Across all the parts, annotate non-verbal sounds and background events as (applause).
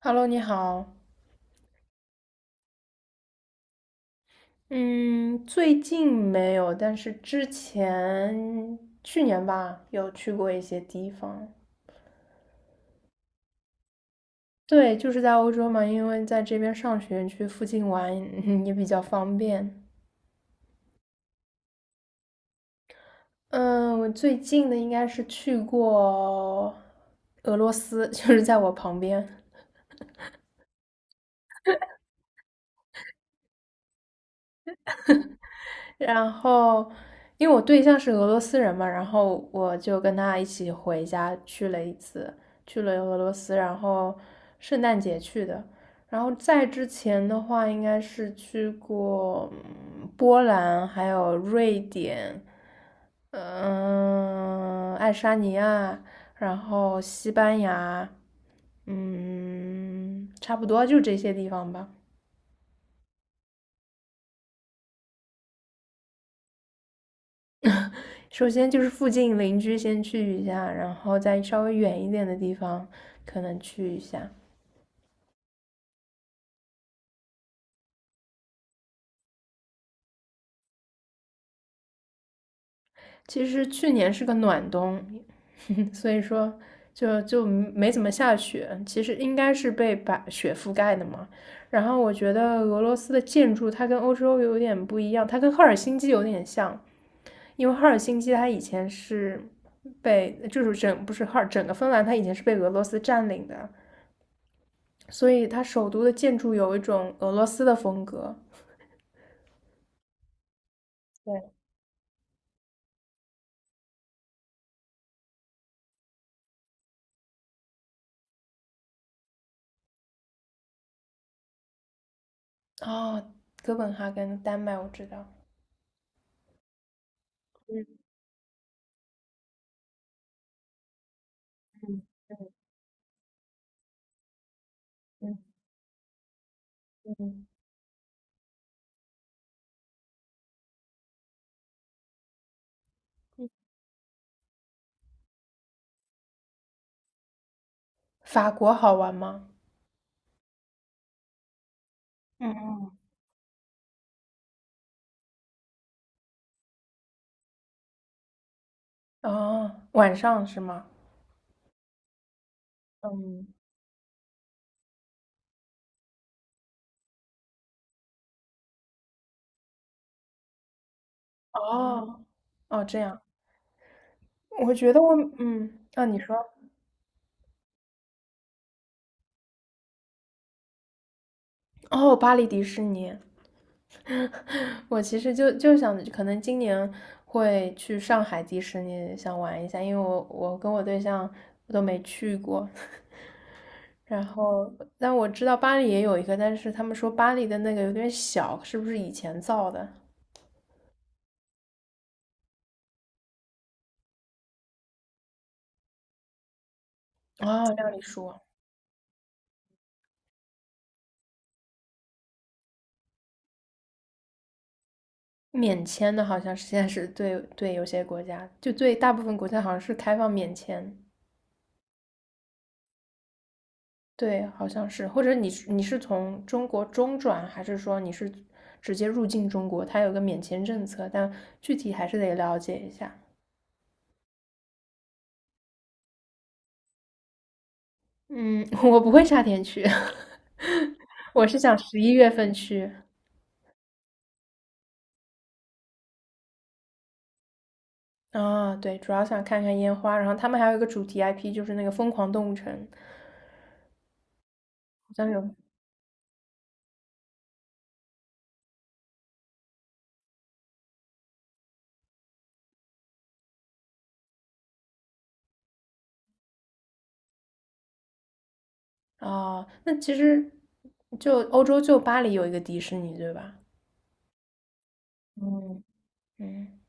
Hello，你好。嗯，最近没有，但是之前去年吧，有去过一些地方。对，就是在欧洲嘛，因为在这边上学，去附近玩(laughs) 也比较方便。嗯，我最近的应该是去过俄罗斯，就是在我旁边。然后，因为我对象是俄罗斯人嘛，然后我就跟他一起回家去了一次，去了俄罗斯，然后圣诞节去的。然后在之前的话，应该是去过波兰，还有瑞典，爱沙尼亚，然后西班牙，差不多就这些地方吧。(laughs) 首先就是附近邻居先去一下，然后再稍微远一点的地方可能去一下。其实去年是个暖冬，(laughs) 所以说就没怎么下雪。其实应该是被把雪覆盖的嘛。然后我觉得俄罗斯的建筑它跟欧洲有点不一样，它跟赫尔辛基有点像，因为赫尔辛基它以前是被就是整不是赫尔整个芬兰它以前是被俄罗斯占领的，所以它首都的建筑有一种俄罗斯的风格。对，哦，哥本哈根，丹麦我知道。嗯嗯，法国好玩吗？嗯，哦，晚上是吗？嗯，哦，哦，这样，我觉得我，你说，哦，巴黎迪士尼，(laughs) 我其实就想，可能今年会去上海迪士尼，想玩一下，因为我跟我对象都没去过，然后，但我知道巴黎也有一个，但是他们说巴黎的那个有点小，是不是以前造的？哦，让你说，免签的好像是现在是，对对，有些国家，就对大部分国家好像是开放免签，对，好像是，或者你是从中国中转，还是说你是直接入境中国？它有个免签政策，但具体还是得了解一下。嗯，(laughs) 我不会夏天去，(laughs) 我是想11月份去。啊，对，主要想看看烟花，然后他们还有一个主题 IP，就是那个疯狂动物城，好像有啊。那其实就欧洲就巴黎有一个迪士尼，对吧？嗯，嗯，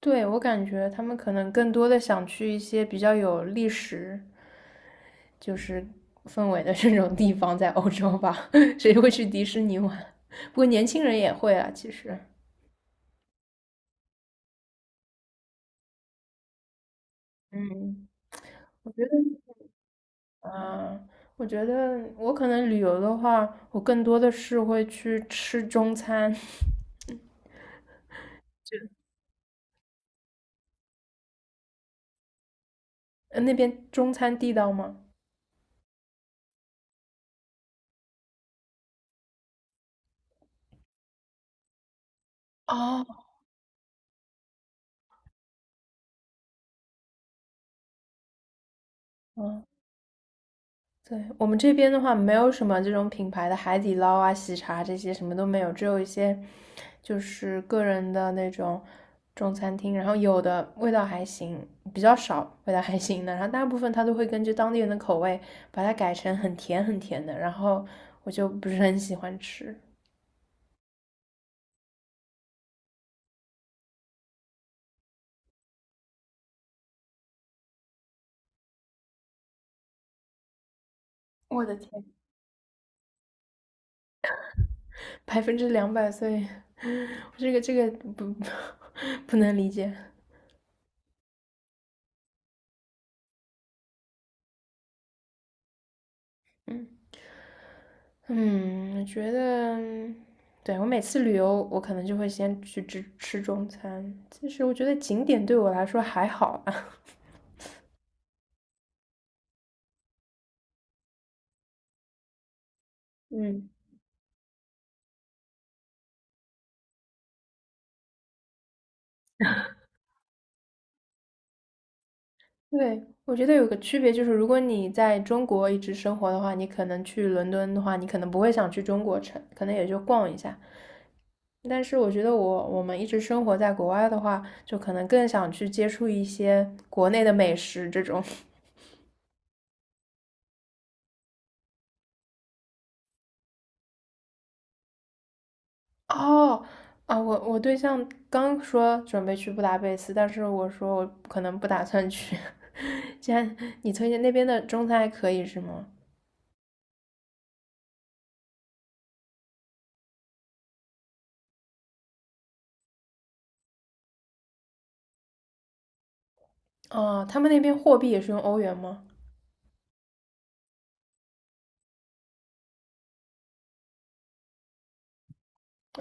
对，我感觉他们可能更多的想去一些比较有历史就是氛围的这种地方，在欧洲吧，(laughs) 谁会去迪士尼玩？不过年轻人也会啊，其实。嗯，我觉得。啊，我觉得我可能旅游的话，我更多的是会去吃中餐。(laughs) 呃，那边中餐地道吗？哦，嗯，对，我们这边的话，没有什么这种品牌的海底捞啊、喜茶这些什么都没有，只有一些就是个人的那种中餐厅，然后有的味道还行，比较少味道还行的，然后大部分他都会根据当地人的口味把它改成很甜很甜的，然后我就不是很喜欢吃。我的天，200%所岁，这个这个不 (laughs) 不能理解。嗯嗯，我觉得，对我每次旅游，我可能就会先去吃吃中餐。其实我觉得景点对我来说还好吧。(laughs) 嗯。对，我觉得有个区别就是，如果你在中国一直生活的话，你可能去伦敦的话，你可能不会想去中国城，可能也就逛一下。但是我觉得我们一直生活在国外的话，就可能更想去接触一些国内的美食这种。(laughs) 哦，啊，我对象刚说准备去布达佩斯，但是我说我可能不打算去。(laughs) 既然你推荐那边的中餐还可以是吗？哦，他们那边货币也是用欧元吗？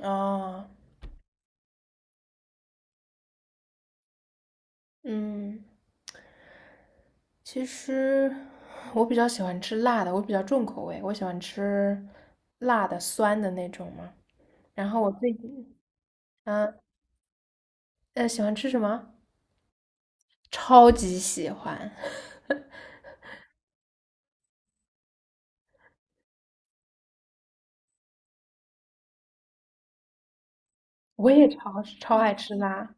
啊，嗯。其实我比较喜欢吃辣的，我比较重口味，我喜欢吃辣的、酸的那种嘛。然后我最近，嗯喜欢吃什么？超级喜欢，(laughs) 我也超超爱吃辣。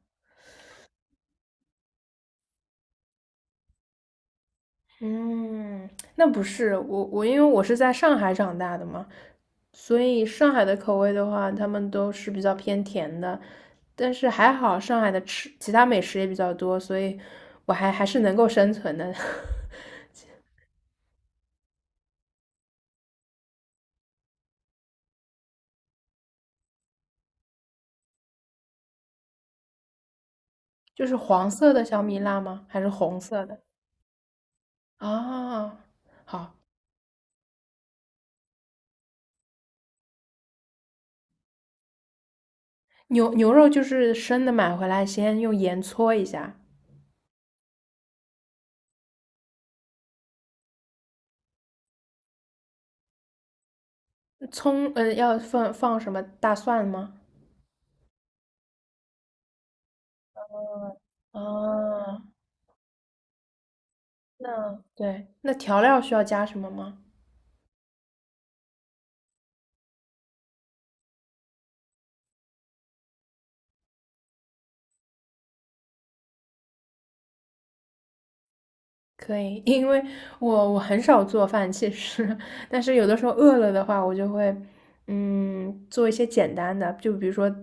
嗯，那不是我，因为我是在上海长大的嘛，所以上海的口味的话，他们都是比较偏甜的。但是还好，上海的吃其他美食也比较多，所以我还是能够生存的。(laughs) 就是黄色的小米辣吗？还是红色的？啊，好，牛肉就是生的买回来，先用盐搓一下，葱，要放放什么大蒜吗？啊，那对，那调料需要加什么吗？可以，(laughs) 因为我很少做饭，其实，(laughs) 但是有的时候饿了的话，我就会，嗯，做一些简单的，就比如说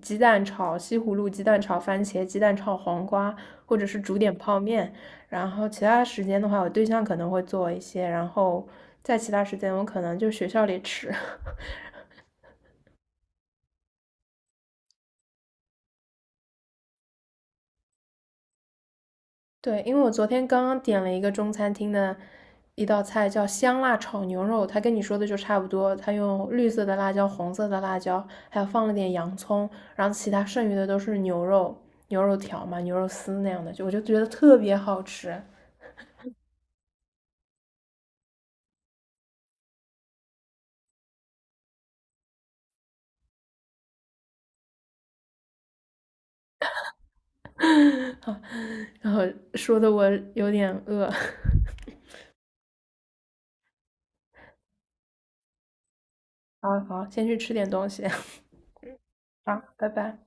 鸡蛋炒西葫芦、鸡蛋炒番茄、鸡蛋炒黄瓜，或者是煮点泡面。然后其他时间的话，我对象可能会做一些，然后在其他时间我可能就学校里吃。(laughs) 对，因为我昨天刚刚点了一个中餐厅的一道菜，叫香辣炒牛肉，它跟你说的就差不多。它用绿色的辣椒、红色的辣椒，还有放了点洋葱，然后其他剩余的都是牛肉、牛肉条嘛、牛肉丝那样的，就我就觉得特别好吃。(laughs) 啊，然后说的我有点饿。(laughs) 好好，先去吃点东西。(laughs) 好，拜拜。